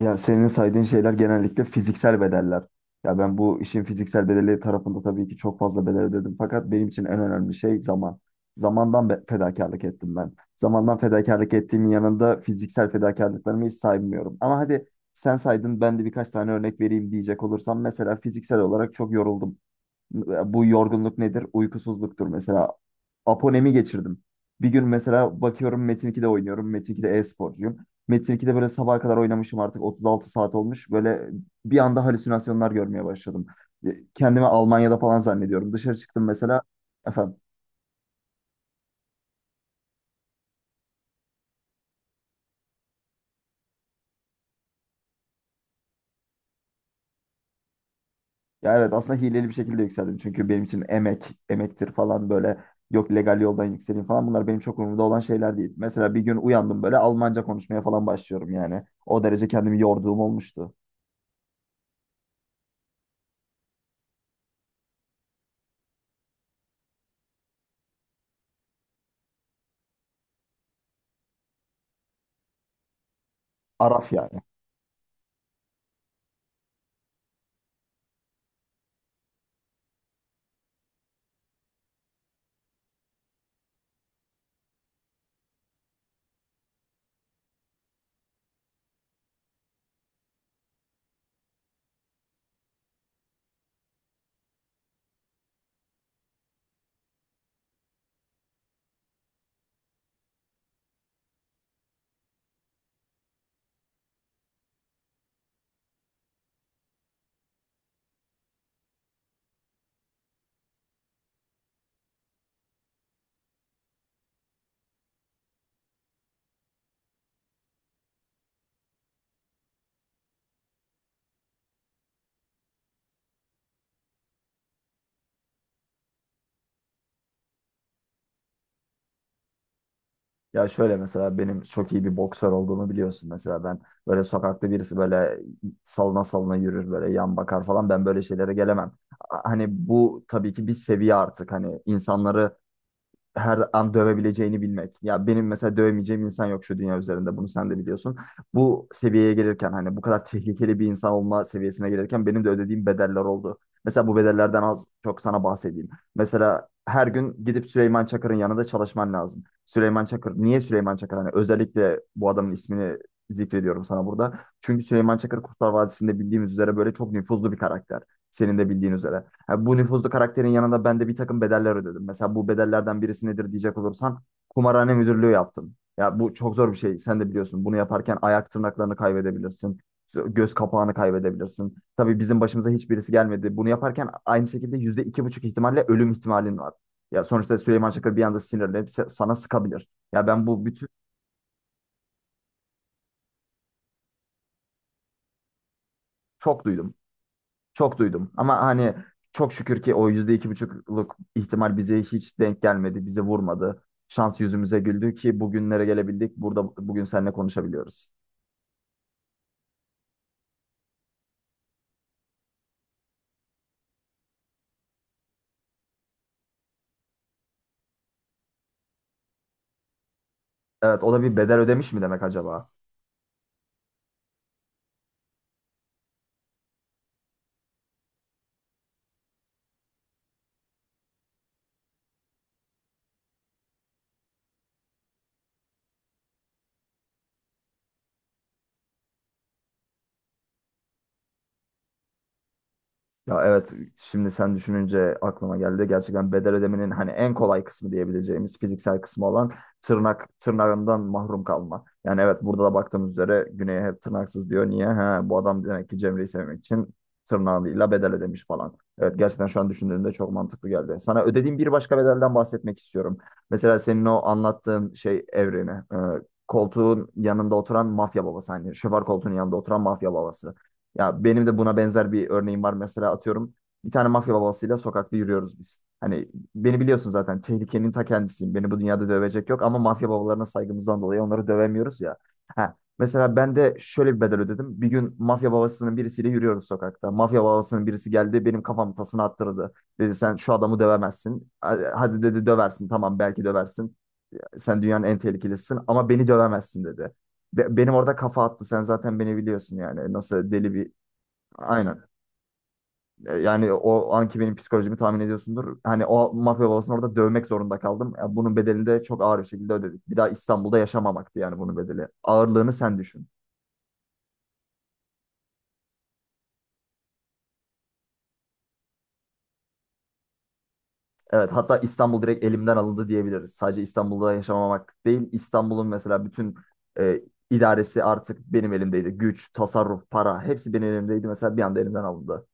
Ya senin saydığın şeyler genellikle fiziksel bedeller. Ya ben bu işin fiziksel bedeli tarafında tabii ki çok fazla bedel ödedim. Fakat benim için en önemli şey zaman. Fedakarlık ettim ben. Zamandan fedakarlık ettiğimin yanında fiziksel fedakarlıklarımı hiç saymıyorum. Ama hadi sen saydın ben de birkaç tane örnek vereyim diyecek olursam mesela fiziksel olarak çok yoruldum. Bu yorgunluk nedir? Uykusuzluktur mesela. Aponemi geçirdim. Bir gün mesela bakıyorum Metin 2'de oynuyorum. Metin 2'de e-sporcuyum. Metin 2'de böyle sabaha kadar oynamışım, artık 36 saat olmuş. Böyle bir anda halüsinasyonlar görmeye başladım. Kendimi Almanya'da falan zannediyorum. Dışarı çıktım mesela. Efendim. Ya evet, aslında hileli bir şekilde yükseldim. Çünkü benim için emek, emektir falan böyle. Yok legal yoldan yükseleyim falan. Bunlar benim çok umurumda olan şeyler değil. Mesela bir gün uyandım, böyle Almanca konuşmaya falan başlıyorum yani. O derece kendimi yorduğum olmuştu. Araf yani. Ya şöyle, mesela benim çok iyi bir boksör olduğumu biliyorsun. Mesela ben böyle sokakta birisi böyle salına salına yürür, böyle yan bakar falan, ben böyle şeylere gelemem. Hani bu tabii ki bir seviye artık, hani insanları her an dövebileceğini bilmek. Ya benim mesela dövemeyeceğim insan yok şu dünya üzerinde, bunu sen de biliyorsun. Bu seviyeye gelirken hani bu kadar tehlikeli bir insan olma seviyesine gelirken benim de ödediğim bedeller oldu. Mesela bu bedellerden az çok sana bahsedeyim. Mesela her gün gidip Süleyman Çakır'ın yanında çalışman lazım. Süleyman Çakır, niye Süleyman Çakır? Hani özellikle bu adamın ismini zikrediyorum sana burada. Çünkü Süleyman Çakır Kurtlar Vadisi'nde bildiğimiz üzere böyle çok nüfuzlu bir karakter. Senin de bildiğin üzere. Ha, bu nüfuzlu karakterin yanında ben de bir takım bedeller ödedim. Mesela bu bedellerden birisi nedir diyecek olursan, kumarhane müdürlüğü yaptım. Ya bu çok zor bir şey. Sen de biliyorsun. Bunu yaparken ayak tırnaklarını kaybedebilirsin. Göz kapağını kaybedebilirsin. Tabii bizim başımıza hiçbirisi gelmedi. Bunu yaparken aynı şekilde yüzde iki buçuk ihtimalle ölüm ihtimalin var. Ya sonuçta Süleyman Çakır bir anda sinirlenip sana sıkabilir. Ya ben bu bütün çok duydum. Çok duydum, ama hani çok şükür ki o yüzde iki buçukluk ihtimal bize hiç denk gelmedi, bize vurmadı. Şans yüzümüze güldü ki bugünlere gelebildik. Burada bugün seninle konuşabiliyoruz. Evet, o da bir bedel ödemiş mi demek acaba? Ya evet, şimdi sen düşününce aklıma geldi. Gerçekten bedel ödemenin hani en kolay kısmı diyebileceğimiz fiziksel kısmı olan tırnak tırnağından mahrum kalma. Yani evet, burada da baktığımız üzere Güney'e hep tırnaksız diyor. Niye? Ha, bu adam demek ki Cemre'yi sevmek için tırnağıyla bedel ödemiş falan. Evet, gerçekten şu an düşündüğümde çok mantıklı geldi. Sana ödediğim bir başka bedelden bahsetmek istiyorum. Mesela senin o anlattığın şey evreni. Koltuğun yanında oturan mafya babası. Hani şoför koltuğunun yanında oturan mafya babası. Ya benim de buna benzer bir örneğim var. Mesela atıyorum, bir tane mafya babasıyla sokakta yürüyoruz biz. Hani beni biliyorsun, zaten tehlikenin ta kendisiyim. Beni bu dünyada dövecek yok ama mafya babalarına saygımızdan dolayı onları dövemiyoruz ya. Ha, mesela ben de şöyle bir bedel ödedim. Bir gün mafya babasının birisiyle yürüyoruz sokakta. Mafya babasının birisi geldi benim kafamı tasına attırdı. Dedi sen şu adamı dövemezsin. Hadi hadi, dedi, döversin, tamam, belki döversin. Sen dünyanın en tehlikelisin, ama beni dövemezsin, dedi. Benim orada kafa attı. Sen zaten beni biliyorsun yani. Nasıl deli bir Aynen. Yani o anki benim psikolojimi tahmin ediyorsundur. Hani o mafya babasını orada dövmek zorunda kaldım. Bunun bedelini de çok ağır bir şekilde ödedik. Bir daha İstanbul'da yaşamamaktı yani bunun bedeli. Ağırlığını sen düşün. Evet, hatta İstanbul direkt elimden alındı diyebiliriz. Sadece İstanbul'da yaşamamak değil, İstanbul'un mesela bütün e, idaresi artık benim elimdeydi. Güç, tasarruf, para hepsi benim elimdeydi. Mesela bir anda elimden alındı.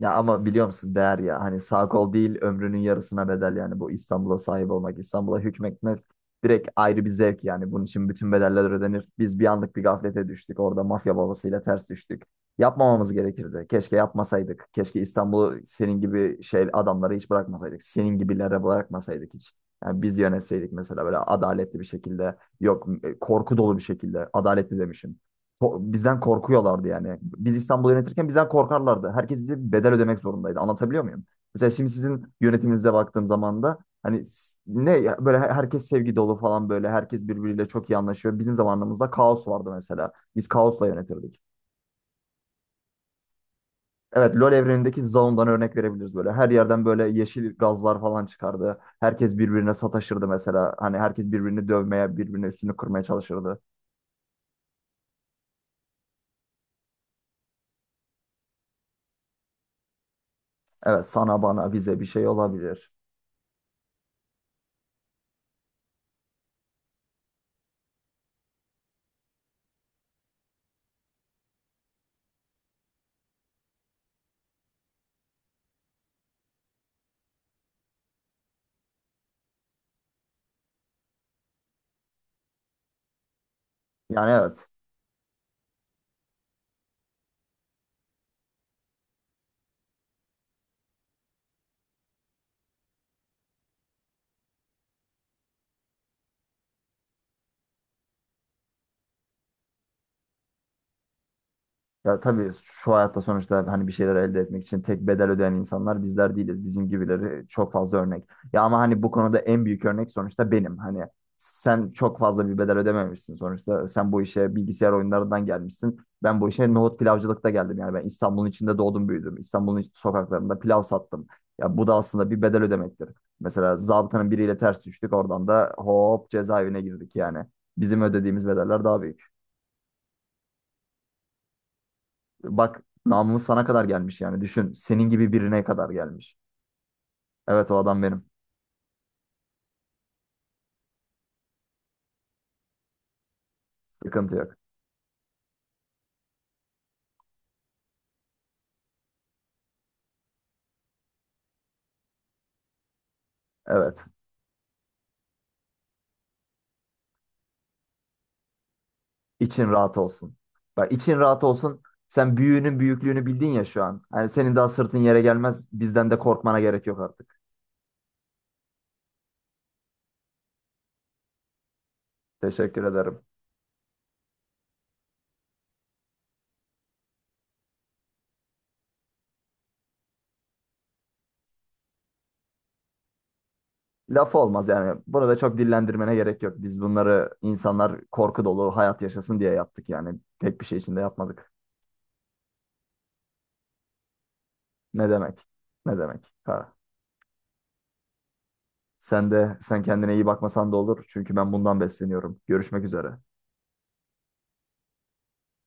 Ya ama biliyor musun, değer ya, hani sağ kol değil ömrünün yarısına bedel yani, bu İstanbul'a sahip olmak, İstanbul'a hükmetmek direkt ayrı bir zevk yani, bunun için bütün bedeller ödenir. Biz bir anlık bir gaflete düştük orada, mafya babasıyla ters düştük. Yapmamamız gerekirdi. Keşke yapmasaydık. Keşke İstanbul'u senin gibi şey adamları hiç bırakmasaydık. Senin gibilere bırakmasaydık hiç. Yani biz yönetseydik mesela böyle adaletli bir şekilde, yok korku dolu bir şekilde, adaletli demişim, bizden korkuyorlardı yani. Biz İstanbul'u yönetirken bizden korkarlardı. Herkes bize bir bedel ödemek zorundaydı. Anlatabiliyor muyum? Mesela şimdi sizin yönetiminize baktığım zaman da hani ne ya, böyle herkes sevgi dolu falan, böyle herkes birbiriyle çok iyi anlaşıyor. Bizim zamanımızda kaos vardı mesela. Biz kaosla yönetirdik. Evet, LoL evrenindeki Zaun'dan örnek verebiliriz böyle. Her yerden böyle yeşil gazlar falan çıkardı. Herkes birbirine sataşırdı mesela. Hani herkes birbirini dövmeye, birbirine üstünü kırmaya çalışırdı. Evet, sana bana bize bir şey olabilir. Yani evet. Ya tabii şu hayatta sonuçta hani bir şeyler elde etmek için tek bedel ödeyen insanlar bizler değiliz. Bizim gibileri çok fazla örnek. Ya ama hani bu konuda en büyük örnek sonuçta benim. Hani sen çok fazla bir bedel ödememişsin sonuçta. Sen bu işe bilgisayar oyunlarından gelmişsin. Ben bu işe nohut pilavcılıkta geldim. Yani ben İstanbul'un içinde doğdum, büyüdüm. Sokaklarında pilav sattım. Ya bu da aslında bir bedel ödemektir. Mesela zabıtanın biriyle ters düştük. Oradan da hop cezaevine girdik yani. Bizim ödediğimiz bedeller daha büyük. Bak namımız sana kadar gelmiş yani. Düşün, senin gibi birine kadar gelmiş. Evet, o adam benim. Sıkıntı yok. Evet. İçin rahat olsun. Bak için rahat olsun. Sen büyüğünün büyüklüğünü bildin ya şu an. Yani senin daha sırtın yere gelmez. Bizden de korkmana gerek yok artık. Teşekkür ederim. Laf olmaz yani. Bunu da çok dillendirmene gerek yok. Biz bunları insanlar korku dolu hayat yaşasın diye yaptık yani. Pek bir şey için de yapmadık. Ne demek? Ne demek? Ha. Sen de sen kendine iyi bakmasan da olur. Çünkü ben bundan besleniyorum. Görüşmek üzere.